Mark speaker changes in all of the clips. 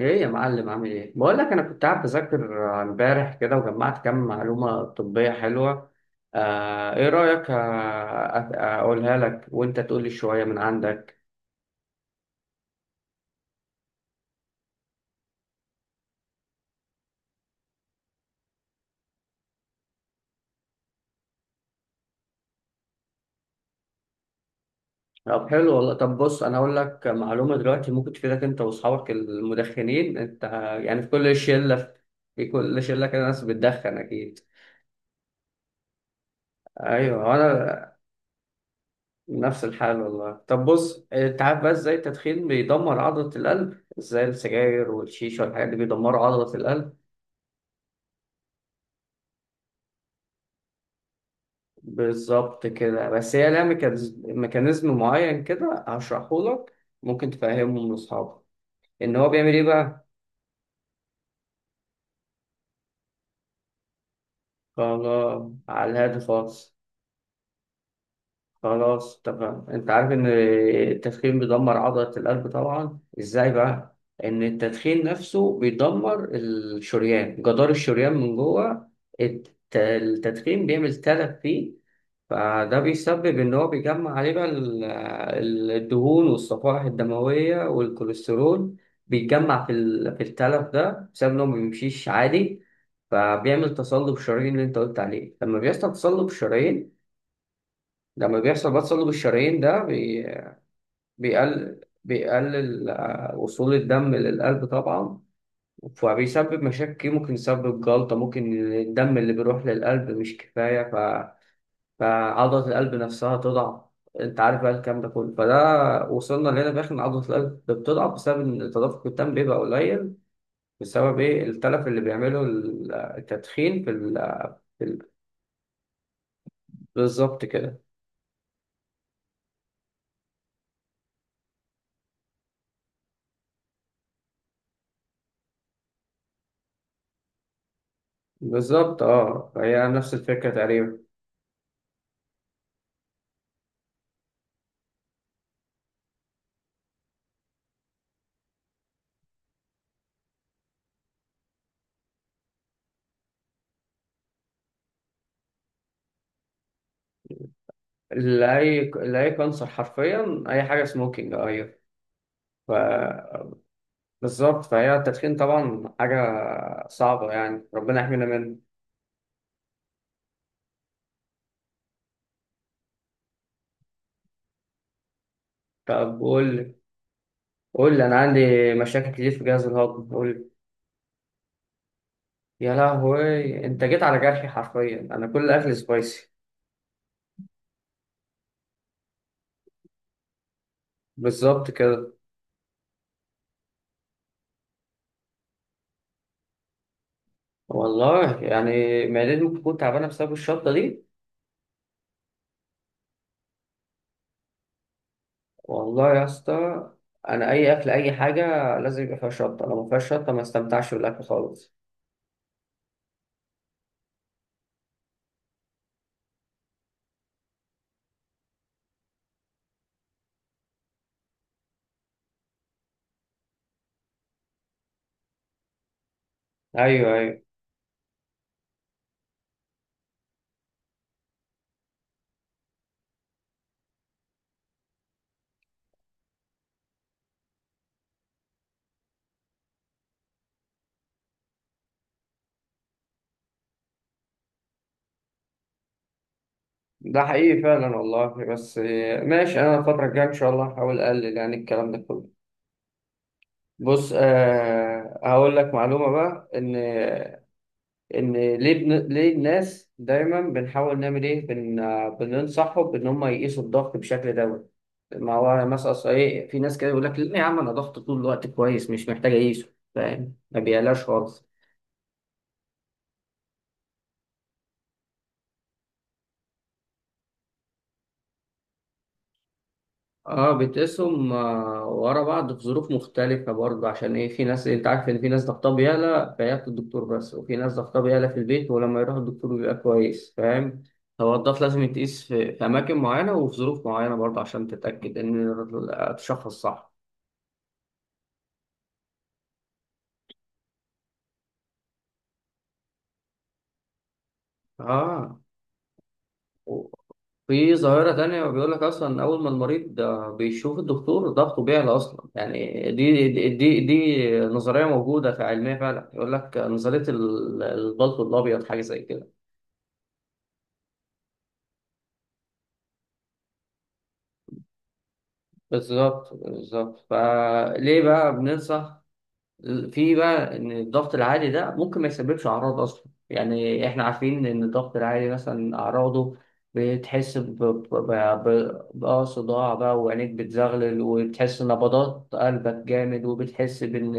Speaker 1: ايه يا معلم، عامل ايه؟ بقول لك، انا كنت قاعد بذاكر امبارح كده وجمعت كام معلومه طبيه حلوه. آه ايه رايك؟ اقولها لك وانت تقول لي شويه من عندك. طب حلو والله. طب بص، انا اقول لك معلومه دلوقتي ممكن تفيدك انت واصحابك المدخنين. انت يعني في كل شله كده ناس بتدخن اكيد. ايوه وانا نفس الحال والله. طب بص، انت عارف بقى ازاي التدخين بيدمر عضله القلب؟ ازاي السجاير والشيشه والحاجات دي بيدمروا عضله القلب؟ بالظبط كده. بس هي لها ميكانيزم معين كده هشرحه لك، ممكن تفهمه لأصحابك. إن هو بيعمل إيه بقى؟ خلاص. على الهادي خالص. خلاص تمام. أنت عارف إن التدخين بيدمر عضلة القلب طبعا، إزاي بقى؟ إن التدخين نفسه بيدمر الشريان، جدار الشريان من جوه. التدخين بيعمل تلف فيه. فده بيسبب إن هو بيجمع عليه بقى الدهون والصفائح الدموية والكوليسترول، بيتجمع في التلف ده بسبب إنه ما بيمشيش عادي. فبيعمل تصلب الشرايين اللي أنت قلت عليه. لما بيحصل تصلب الشرايين، لما بيحصل بقى تصلب الشرايين ده بيقلل وصول الدم للقلب طبعا. فبيسبب مشاكل كتير، ممكن يسبب جلطة، ممكن الدم اللي بيروح للقلب مش كفاية، فعضلة القلب نفسها تضعف. انت عارف بقى الكلام ده كله، فده وصلنا لهنا في الاخر ان عضلة القلب بتضعف بسبب ان تدفق الدم بيبقى قليل، بسبب ايه؟ التلف اللي بيعمله التدخين في. في ال- بالظبط كده. بالظبط، اه، هي نفس الفكرة تقريبا. لأي كانسر حرفيا، أي حاجة سموكينج، أيوه. ف... بالظبط، فهي التدخين طبعا حاجة صعبة، يعني ربنا يحمينا منه. طب قول لي، قول لي. أنا عندي مشاكل كتير في جهاز الهضم، قول لي. يا لهوي، انت جيت على جرحي حرفيا، انا كل اكل سبايسي. بالظبط كده. والله يعني، معدتي ممكن تكون تعبانه بسبب الشطه دي. والله يا اسطى. انا اي اكل، اي حاجه لازم يبقى فيها شطه، لو ما فيهاش شطه ما استمتعش بالاكل خالص. ايوه ايوه. ده حقيقي فعلا والله، بس ماشي. انا الفتره الجايه ان شاء الله هحاول اقلل يعني الكلام ده كله. بص آه، هقول لك معلومه بقى. ان ليه ليه الناس دايما بنحاول نعمل ايه، بن... آه، بننصحهم ان هم يقيسوا الضغط بشكل دوري. ما هو مثلا، أصل ايه؟ في ناس كده يقول لك لا يا عم انا ضغط طول الوقت كويس مش محتاج اقيسه، فاهم؟ ما بيقلاش خالص. اه، بتقيسهم ورا بعض في ظروف مختلفة برضه. عشان ايه؟ في ناس، انت عارف ان في ناس ضغطها بيعلى فياخد الدكتور بس، وفي ناس ضغطها بيعلى في البيت ولما يروح الدكتور بيبقى كويس، فاهم؟ هو الضغط لازم يتقيس في، أماكن معينة وفي ظروف معينة برضه عشان تتأكد إن تشخص صح. اه، في ظاهرة تانية بيقول لك أصلا، أول ما المريض بيشوف الدكتور ضغطه بيعلى أصلا، يعني دي نظرية موجودة في علمية فعلا، يقول لك نظرية البلط الأبيض، حاجة زي كده. بالظبط بالظبط. فليه بقى بننصح، في بقى ان الضغط العالي ده ممكن ما يسببش اعراض اصلا؟ يعني احنا عارفين ان الضغط العالي مثلا اعراضه، بتحس بقى صداع بقى، وعينيك بتزغلل، وبتحس نبضات قلبك جامد، وبتحس بان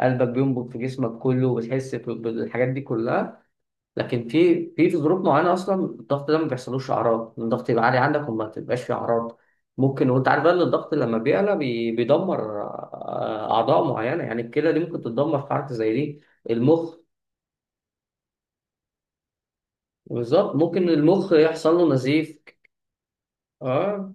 Speaker 1: قلبك بينبض في جسمك كله، وبتحس بالحاجات دي كلها. لكن في ظروف معينه اصلا الضغط ده ما بيحصلوش اعراض، إن الضغط يبقى عالي عندك وما تبقاش فيه اعراض، ممكن. وانت عارف بقى ان الضغط لما بيعلى بيدمر اعضاء معينه، يعني الكلى دي ممكن تتدمر في حركه زي دي. المخ. بالظبط، ممكن المخ يحصل له نزيف. اه،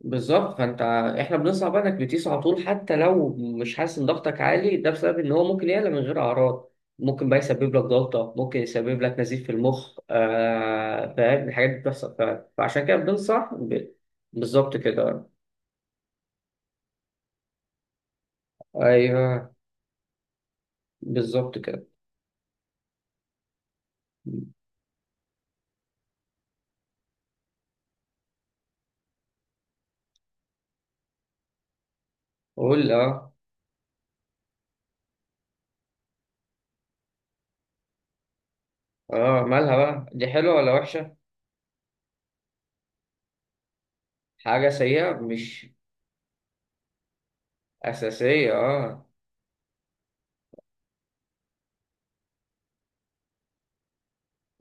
Speaker 1: بالظبط. فانت، احنا بنصعب انك بتقيس على طول حتى لو مش حاسس ان ضغطك عالي، ده بسبب ان هو ممكن يعلى من غير اعراض. ممكن بقى يسبب لك، ضغطه ممكن يسبب لك نزيف في المخ، آه. فاهم؟ الحاجات دي بتحصل فعلا، فعشان كده بننصح. بالظبط كده. ايوه بالظبط كده. قول، اه. اه، مالها بقى؟ دي حلوه ولا وحشه؟ حاجه سيئه، مش؟ اساسيه، اه.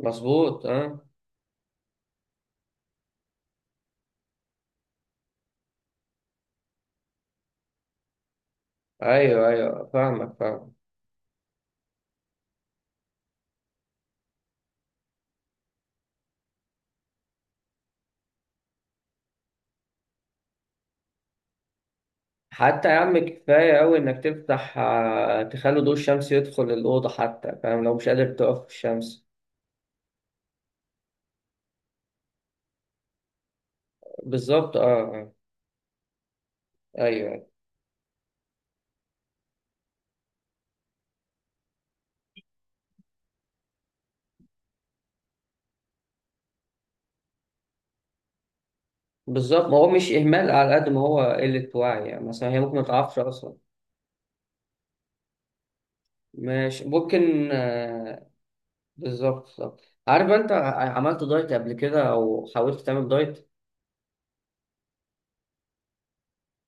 Speaker 1: مظبوط، اه. ايوه ايوه، فاهمك فاهمك. حتى يا عم، كفاية أوي إنك تفتح، تخلي ضوء الشمس يدخل الأوضة حتى، فاهم؟ لو مش قادر تقف في الشمس. بالظبط أه آه. أيوه. بالظبط، ما هو مش إهمال على قد ما هو قلة وعي، يعني مثلا هي ممكن ما تعرفش أصلا. ماشي، ممكن بالظبط بالظبط. عارف؟ أنت عملت دايت قبل كده أو حاولت تعمل دايت؟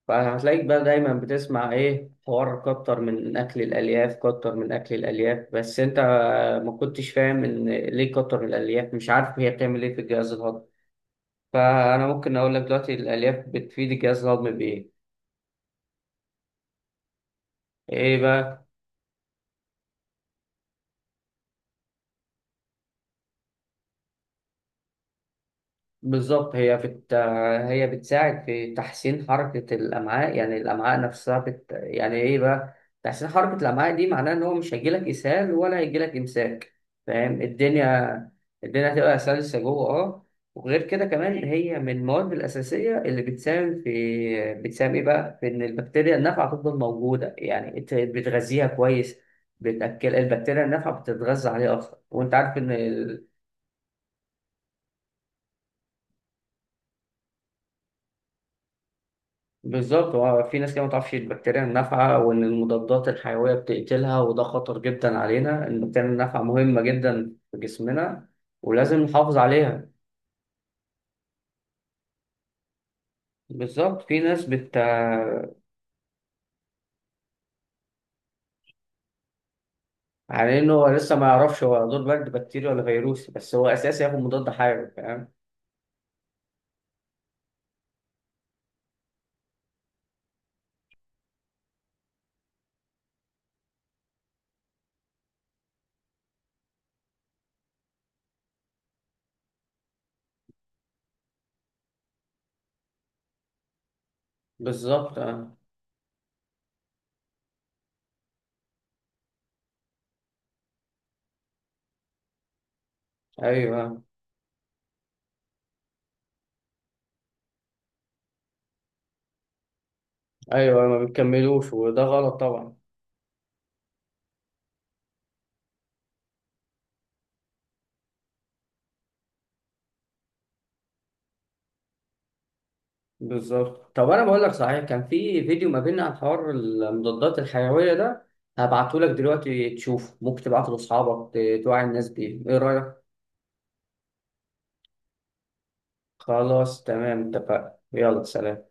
Speaker 1: فهتلاقيك بقى دايما بتسمع ايه؟ حوار كتر من اكل الالياف، كتر من اكل الالياف، بس انت ما كنتش فاهم ان ليه كتر الالياف، مش عارف هي بتعمل ايه في الجهاز الهضمي. فانا ممكن اقول لك دلوقتي الالياف بتفيد الجهاز الهضمي بايه. ايه بقى؟ بالظبط. هي بتساعد في تحسين حركة الأمعاء، يعني الأمعاء نفسها يعني إيه بقى، تحسين حركة الأمعاء دي معناه إن هو مش هيجيلك إسهال ولا هيجيلك إمساك، فاهم الدنيا؟ الدنيا هتبقى سلسة جوه، أه. وغير كده كمان، هي من المواد الأساسية اللي بتساهم في، بتساهم إيه بقى، في إن البكتيريا النافعة تفضل موجودة، يعني أنت بتغذيها كويس، بتأكل، البكتيريا النافعة بتتغذى عليها أكتر، وأنت عارف إن. بالظبط. هو في ناس كده ما تعرفش البكتيريا النافعة، وإن المضادات الحيوية بتقتلها، وده خطر جدا علينا، إن البكتيريا النافعة مهمة جدا في جسمنا ولازم نحافظ عليها. بالظبط. في ناس بت على إن هو لسه ما يعرفش هو دور برد بكتيريا ولا فيروسي، بس هو أساسي ياخد مضاد حيوي، فاهم؟ بالظبط آه. أيوه أيوه، ما بيكملوش وده غلط طبعا. بالظبط. طب انا بقول لك صحيح، كان في فيديو ما بيننا عن حوار المضادات الحيويه ده، هبعته لك دلوقتي تشوفه، ممكن تبعته لاصحابك توعي الناس بيه، ايه رايك؟ خلاص تمام، اتفقنا، يلا سلام.